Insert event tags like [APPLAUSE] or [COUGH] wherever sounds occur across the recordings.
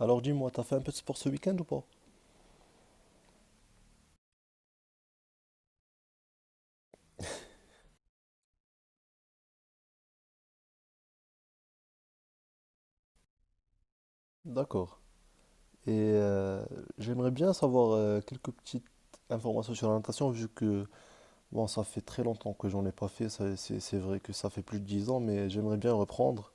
Alors dis-moi, t'as fait un peu de sport ce week-end ou pas? D'accord. Et euh, j'aimerais bien savoir quelques petites informations sur la natation, vu que bon, ça fait très longtemps que j'en ai pas fait. C'est vrai que ça fait plus de 10 ans, mais j'aimerais bien reprendre.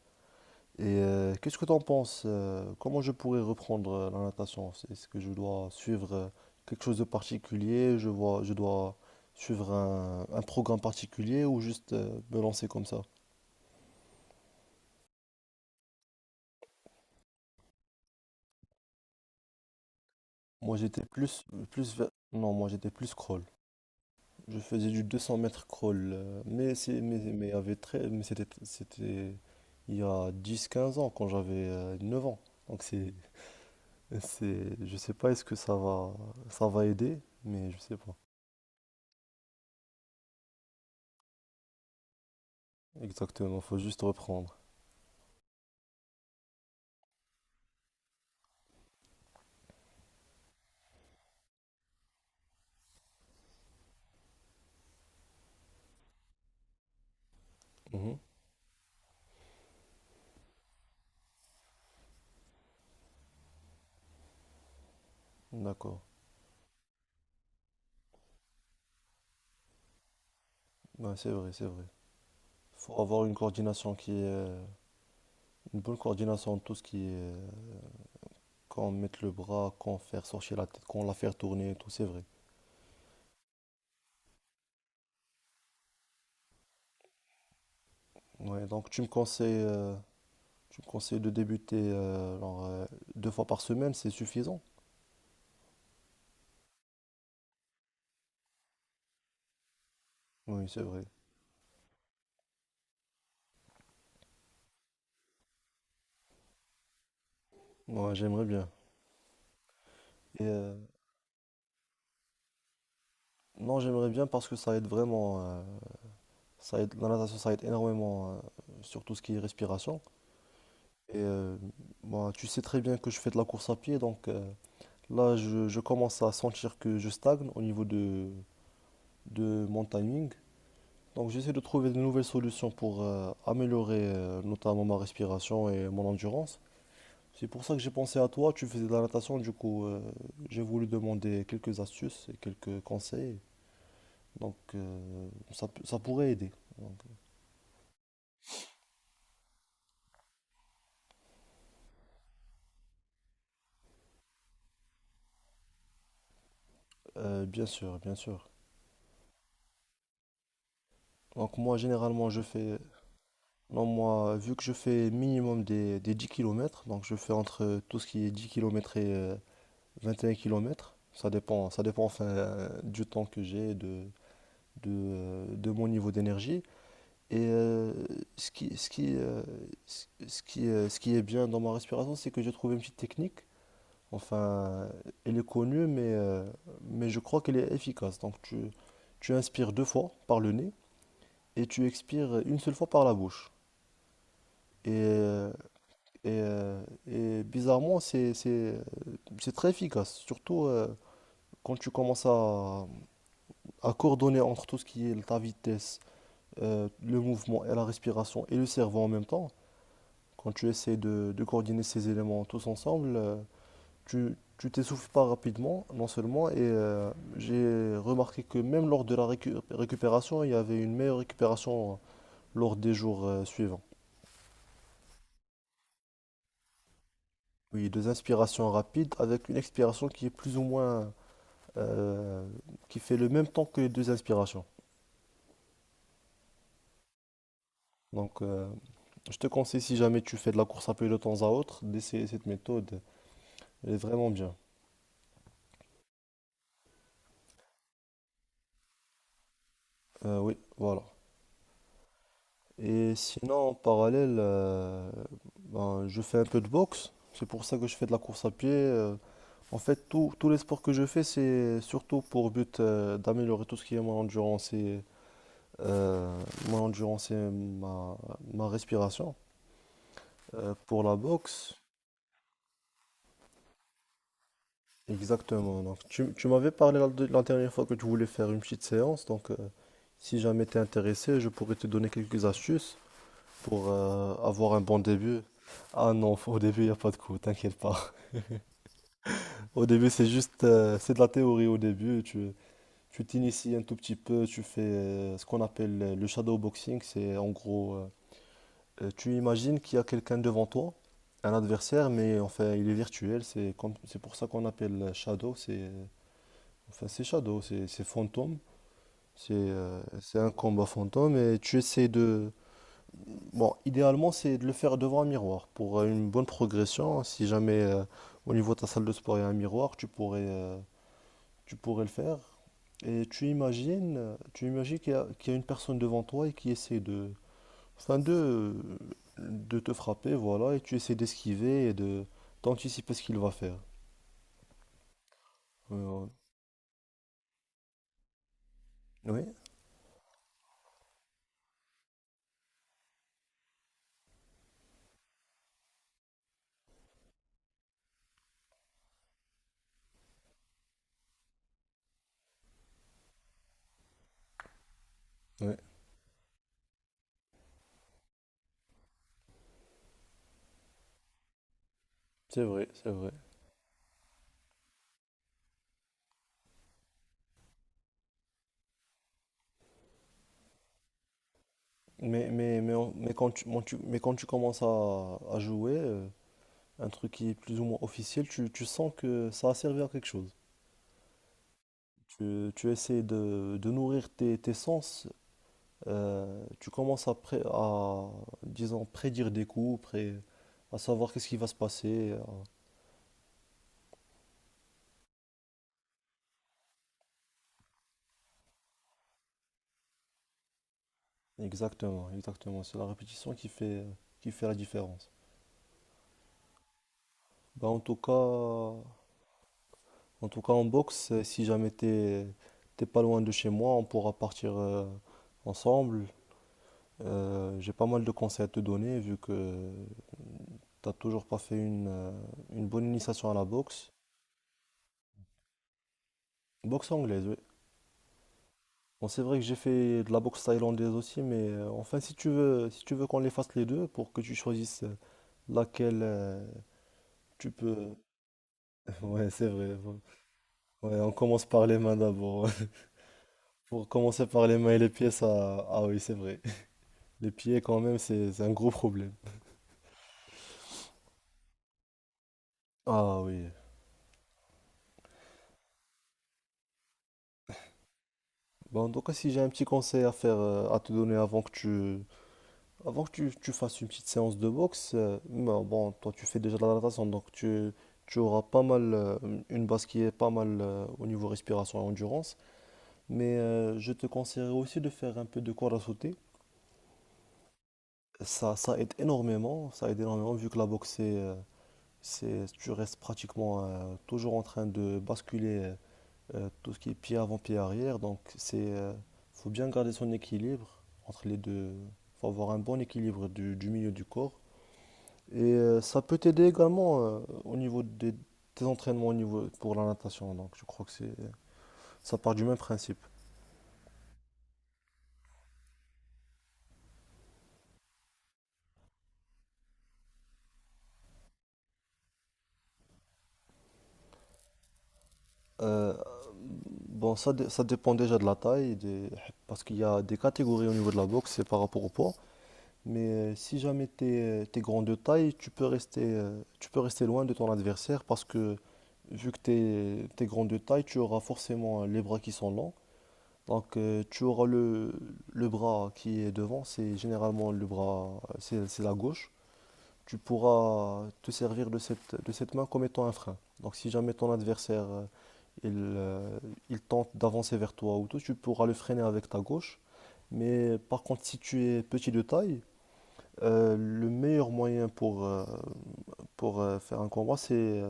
Qu'est-ce que t'en penses? Comment je pourrais reprendre la natation? Est-ce que je dois suivre quelque chose de particulier? Je vois, je dois suivre un programme particulier ou juste me lancer comme ça? Moi, j'étais plus, non, moi, j'étais plus crawl. Je faisais du 200 mètres crawl, avec très, c'était, c'était il y a 10-15 ans, quand j'avais 9 ans. Donc c'est, je sais pas, est-ce que ça va aider, mais je sais pas. Exactement, faut juste reprendre. Mhm. D'accord. Ouais, c'est vrai, c'est vrai. Faut avoir une coordination qui est, une bonne coordination de tout ce qui est, quand mettre le bras, quand faire sortir la tête, quand la faire tourner, et tout, c'est vrai. Ouais, donc tu me conseilles, je conseille de débuter deux fois par semaine, c'est suffisant. Oui, c'est vrai. Moi, j'aimerais bien. Et, euh, non, j'aimerais bien parce que ça aide vraiment. Ça aide, la natation, ça aide énormément sur tout ce qui est respiration. Et euh, moi, tu sais très bien que je fais de la course à pied, donc là, je commence à sentir que je stagne au niveau de mon timing. Donc, j'essaie de trouver de nouvelles solutions pour améliorer notamment ma respiration et mon endurance. C'est pour ça que j'ai pensé à toi, tu faisais de la natation, du coup j'ai voulu demander quelques astuces et quelques conseils, donc ça, ça pourrait aider. Bien sûr, bien sûr. Donc moi généralement je fais, non moi vu que je fais minimum des 10 kilomètres, donc je fais entre tout ce qui est 10 kilomètres et 21 kilomètres. Ça dépend, ça dépend, enfin, du temps que j'ai, de mon niveau d'énergie. Et euh, ce qui, ce qui, ce ce qui est bien dans ma respiration, c'est que j'ai trouvé une petite technique. Enfin, elle est connue, mais je crois qu'elle est efficace. Donc, tu inspires deux fois par le nez et tu expires une seule fois par la bouche. Et, euh, et bizarrement, euh, c'est très efficace, surtout quand tu commences à coordonner entre tout ce qui est ta vitesse, le mouvement et la respiration et le cerveau en même temps. Quand tu essaies de coordonner ces éléments tous ensemble, tu t'essouffles pas rapidement, non seulement, et j'ai remarqué que même lors de la récupération, il y avait une meilleure récupération lors des jours suivants. Oui, deux inspirations rapides avec une expiration qui est plus ou moins, euh, qui fait le même temps que les deux inspirations. Donc, je te conseille, si jamais tu fais de la course à pied de temps à autre, d'essayer cette méthode. Elle est vraiment bien. Oui, voilà. Et sinon, en parallèle, ben, je fais un peu de boxe. C'est pour ça que je fais de la course à pied. En fait, tous les sports que je fais, c'est surtout pour but d'améliorer tout ce qui est mon endurance et, euh, ma, ma respiration. Pour la boxe, exactement. Donc, tu m'avais parlé la dernière fois que tu voulais faire une petite séance. Donc, si jamais tu es intéressé, je pourrais te donner quelques astuces pour avoir un bon début. Ah non, [LAUGHS] au début, il n'y a pas de coup, t'inquiète pas. [LAUGHS] Au début, c'est juste, c'est de la théorie au début. Tu t'inities un tout petit peu, tu fais ce qu'on appelle le shadow boxing. C'est en gros, tu imagines qu'il y a quelqu'un devant toi, un adversaire, mais enfin, il est virtuel. C'est comme, c'est pour ça qu'on appelle shadow. Enfin, c'est shadow, c'est fantôme. C'est un combat fantôme et tu essaies de, bon, idéalement, c'est de le faire devant un miroir pour une bonne progression. Si jamais au niveau de ta salle de sport il y a un miroir, tu pourrais le faire. Et tu imagines qu'il y a une personne devant toi et qui essaie de, enfin de te frapper, voilà, et tu essaies d'esquiver et de d'anticiper ce qu'il va faire. Euh, oui, oui, c'est vrai, c'est vrai. Mais, on- mais quand tu, mon- tu- mais quand tu commences à jouer, un truc qui est plus ou moins officiel, tu sens que ça a servi à quelque chose. Tu essaies de nourrir tes, tes sens, tu commences à, disons, prédire des coups, à savoir qu'est-ce qui va se passer. Exactement, exactement. C'est la répétition qui fait la différence. Bah, en tout cas, en tout cas, en boxe, si jamais t'es pas loin de chez moi, on pourra partir ensemble. J'ai pas mal de conseils à te donner vu que t'as toujours pas fait une bonne initiation à la boxe. Boxe anglaise, oui. Bon, c'est vrai que j'ai fait de la boxe thaïlandaise aussi, mais enfin, si tu veux, si tu veux qu'on les fasse les deux pour que tu choisisses laquelle tu peux. [LAUGHS] Ouais, c'est vrai. Bon. Ouais, on commence par les mains d'abord. [LAUGHS] Pour commencer par les mains et les pieds, ça. Ah oui, c'est vrai. [LAUGHS] Les pieds, quand même, c'est un gros problème. Ah oui. Bon, en tout cas, si j'ai un petit conseil à faire, à te donner avant que tu, avant que tu fasses une petite séance de boxe, ben, bon, toi tu fais déjà de la natation, donc tu auras pas mal, une base qui est pas mal au niveau respiration et endurance. Mais je te conseillerais aussi de faire un peu de corde à sauter. Ça, ça aide énormément vu que la boxe, tu restes pratiquement toujours en train de basculer tout ce qui est pied avant, pied arrière. Donc c'est, faut bien garder son équilibre entre les deux. Faut avoir un bon équilibre du milieu du corps. Et ça peut t'aider également au niveau des, tes entraînements au niveau pour la natation. Donc je crois que c'est ça part du même principe. Euh, bon, ça, ça dépend déjà de la taille, parce qu'il y a des catégories au niveau de la boxe, c'est par rapport au poids. Mais si jamais tu es grand de taille, tu peux rester loin de ton adversaire parce que vu que tu es grand de taille, tu auras forcément les bras qui sont longs. Donc tu auras le bras qui est devant, c'est généralement le bras, c'est la gauche. Tu pourras te servir de cette main comme étant un frein. Donc si jamais ton adversaire il, euh, il tente d'avancer vers toi ou tout, tu pourras le freiner avec ta gauche. Mais par contre si tu es petit de taille, le meilleur moyen pour, faire un combat c'est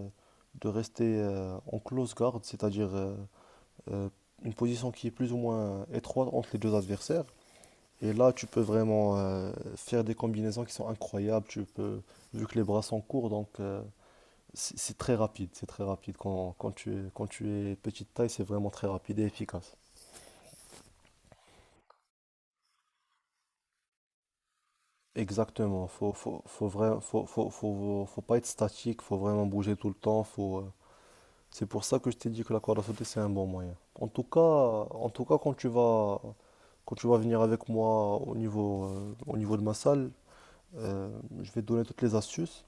de rester en close guard, c'est-à-dire euh, une position qui est plus ou moins étroite entre les deux adversaires. Et là, tu peux vraiment faire des combinaisons qui sont incroyables. Tu peux, vu que les bras sont courts, donc c'est très rapide. C'est très rapide. Quand tu es, quand tu es petite taille, c'est vraiment très rapide et efficace. Exactement. Faut, faut, faut, vra- faut, faut, faut- Faut pas être statique. Faut vraiment bouger tout le temps. C'est pour ça que je t'ai dit que la corde à sauter, c'est un bon moyen. En tout cas, quand tu vas venir avec moi au niveau de ma salle, euh, je vais te donner toutes les astuces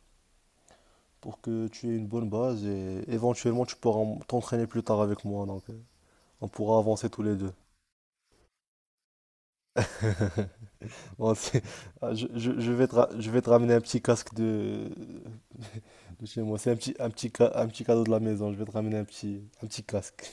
pour que tu aies une bonne base et éventuellement tu pourras t'entraîner plus tard avec moi. Donc on pourra avancer tous les deux. Bon, [LAUGHS] ah, je vais te je vais te ramener un petit casque de chez moi. C'est un petit, un petit, un petit cadeau de la maison. Je vais te ramener un petit casque.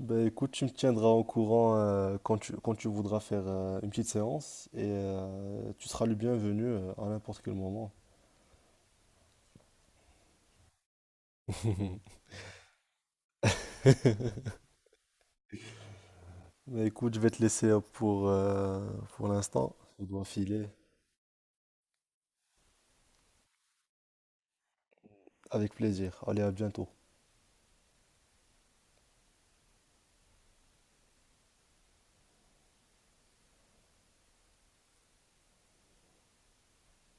Ben écoute, tu me tiendras au courant quand quand tu voudras faire une petite séance et tu seras le bienvenu à n'importe quel moment. [LAUGHS] Ben écoute, je vais te laisser pour l'instant. Je dois filer. Avec plaisir. Allez, à bientôt.